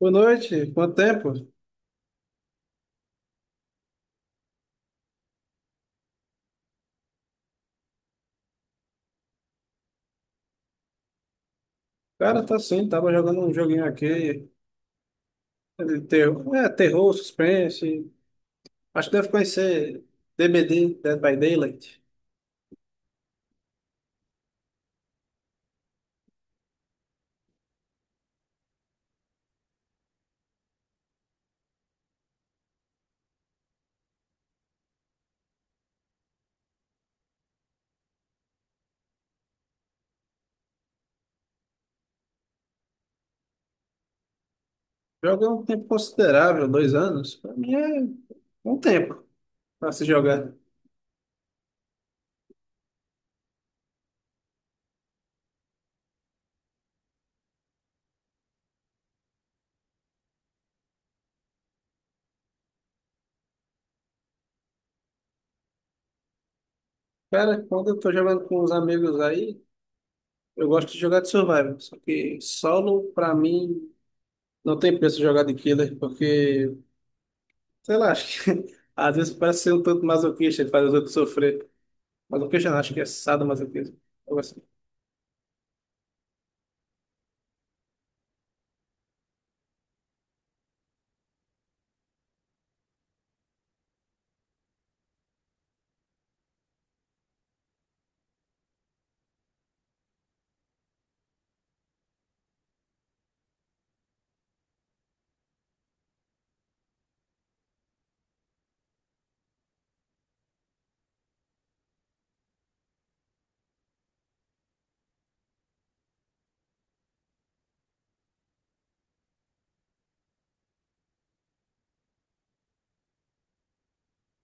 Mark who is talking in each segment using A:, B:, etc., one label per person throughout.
A: Boa noite, quanto tempo? Cara, tá sim, tava jogando um joguinho aqui, de terror, é, terror, suspense, acho que deve conhecer DBD, Dead by Daylight. Joga há um tempo considerável, 2 anos, pra mim é um tempo pra se jogar. Cara, quando eu tô jogando com os amigos aí, eu gosto de jogar de survival, só que solo, pra mim, não tem preço jogar de killer, porque, sei lá, acho que às vezes parece ser um tanto masoquista e faz os outros sofrer. Mas o que eu já acho que é sadomasoquismo. Algo assim.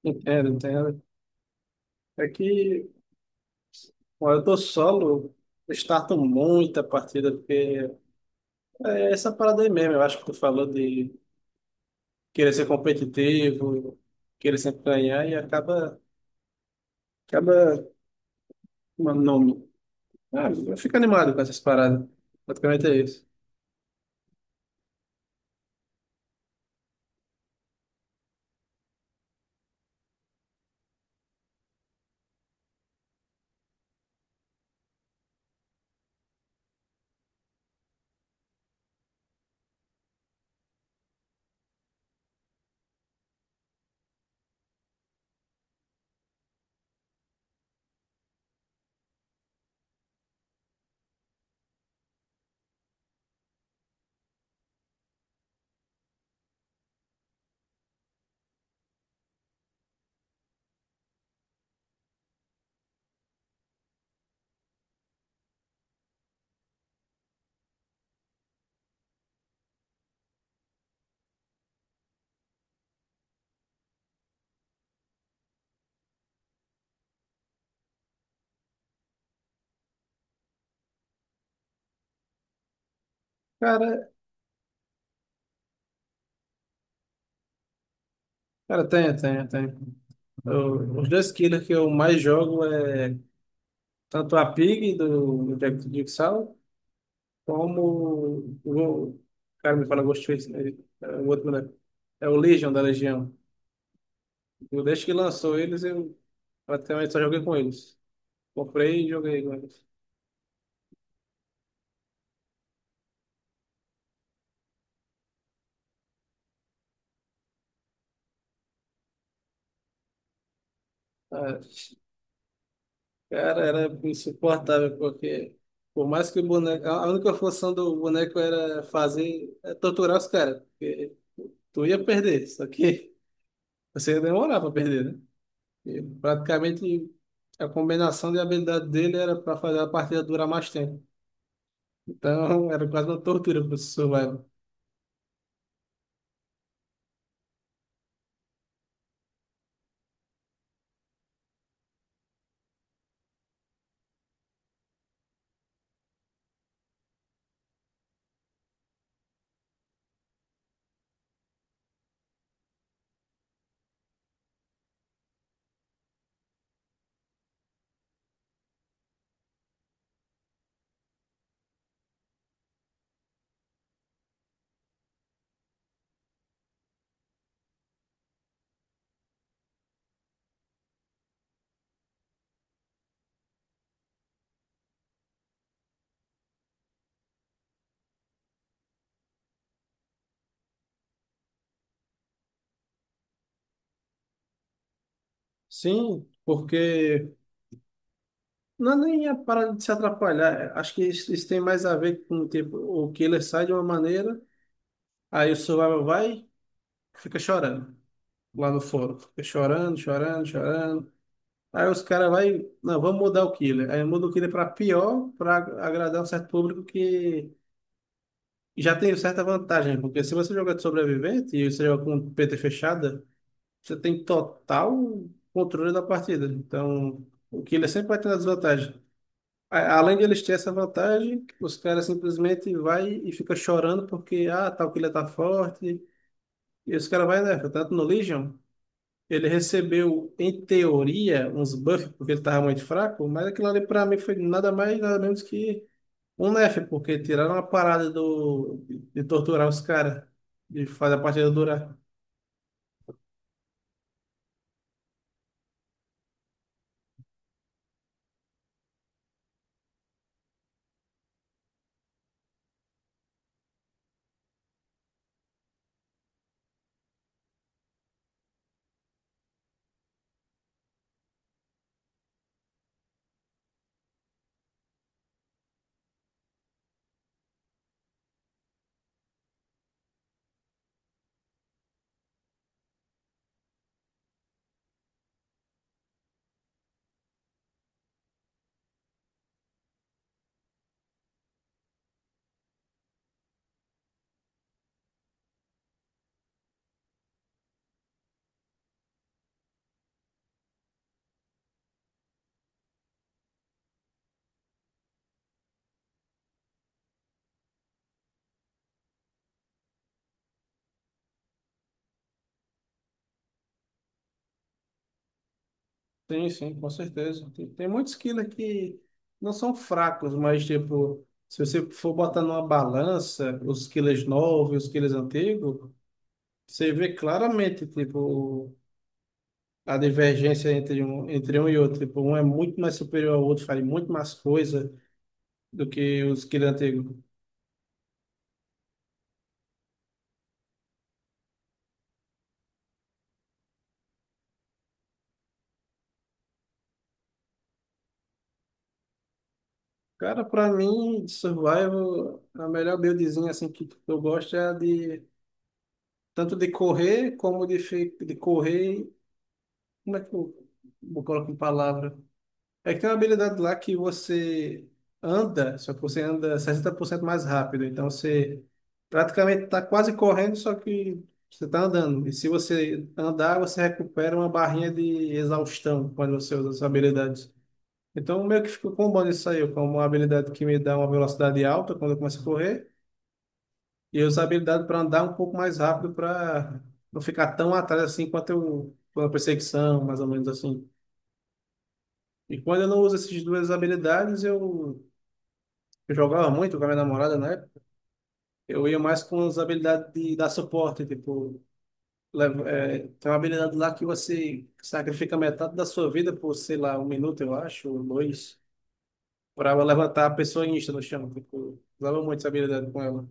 A: Entendo, entendo. É que, bom, eu tô solo, eu starto muita partida, porque é essa parada aí mesmo. Eu acho que tu falou de querer ser competitivo, querer sempre ganhar, e acaba, mano, não, ah, eu fico animado com essas paradas. Praticamente é isso. Cara, cara, tem, tem, tem. Os dois killers que eu mais jogo é tanto a Pig do Jack do Jigsaw, como o cara me fala Ghostface, né? É o outro, né? É o Legion da Legião. Eu, desde que lançou eles, eu praticamente só joguei com eles. Comprei e joguei com eles. Ah, cara, era insuportável, porque por mais que o boneco. A única função do boneco era fazer. É torturar os caras. Porque tu ia perder, só que você ia demorar pra perder, né? E praticamente a combinação de habilidade dele era pra fazer a partida durar mais tempo. Então, era quase uma tortura para o professor Leno. Sim, porque não é nem a parada de se atrapalhar. É, acho que isso tem mais a ver com tipo, o killer sai de uma maneira, aí o survival vai, fica chorando lá no fórum. Fica chorando, chorando, chorando. Aí os caras vai, não, vamos mudar o killer. Aí muda o killer para pior, para agradar um certo público que já tem certa vantagem. Porque se você joga de sobrevivente e você joga com PT fechada, você tem total controle da partida. Então, o killer sempre vai ter a desvantagem. A- Além de eles terem essa vantagem, os caras simplesmente vai e fica chorando porque, ah, tal killer tá forte. E os caras vai, né? Tanto no Legion, ele recebeu, em teoria, uns buffs porque ele tava muito fraco, mas aquilo ali pra mim foi nada mais, nada menos que um nerf, porque tiraram a parada do, de torturar os caras, de fazer a partida durar. Sim, sim, com certeza. Tem muitos quilos que não são fracos, mas tipo, se você for botar numa balança os quilos novos e os quilos antigos, você vê claramente, tipo, a divergência entre um e outro. Tipo, um é muito mais superior ao outro, faz muito mais coisa do que os quilos antigos. Cara, pra mim, de Survival, a melhor buildzinha assim que eu gosto é a de tanto de correr como de, de correr. Como é que eu coloco em palavra? É que tem uma habilidade lá que você anda, só que você anda 60% mais rápido. Então você praticamente está quase correndo, só que você está andando. E se você andar, você recupera uma barrinha de exaustão quando você usa essa habilidade. Então meio que ficou combando isso aí, como uma habilidade que me dá uma velocidade alta quando eu começo a correr, e eu uso a habilidade para andar um pouco mais rápido para não ficar tão atrás assim quanto eu, quando a perseguição, mais ou menos assim. E quando eu não uso essas duas habilidades, eu jogava muito com a minha namorada, né? Eu ia mais com as habilidades de dar suporte, tipo, é, tem uma habilidade lá que você sacrifica metade da sua vida por, sei lá, 1 minuto, eu acho, ou dois, para levantar a pessoa insta no chão. Tipo, usava muito essa habilidade com ela.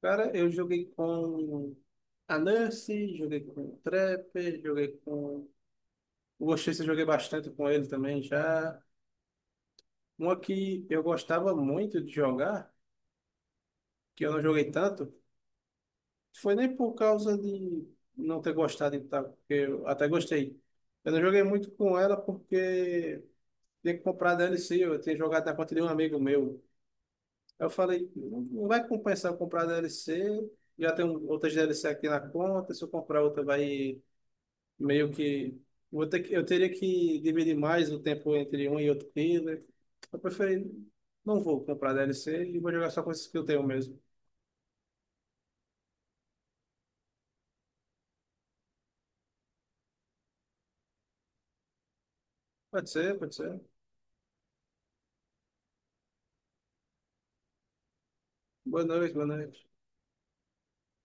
A: Cara, eu joguei com a Nurse, joguei com o Trapper, joguei com. O Oxês eu joguei bastante com ele também já. Uma que eu gostava muito de jogar, que eu não joguei tanto. Foi nem por causa de não ter gostado de tal, porque eu até gostei. Eu não joguei muito com ela porque tinha que comprar DLC, eu tinha jogado na conta de um amigo meu. Aí eu falei, não vai compensar eu comprar DLC, já tem outras DLC aqui na conta, se eu comprar outra vai meio que... eu teria que dividir mais o tempo entre um e outro killer. Eu preferi, não vou comprar DLC e vou jogar só com esses que eu tenho mesmo. Pode ser, pode ser. Boa noite, boa noite.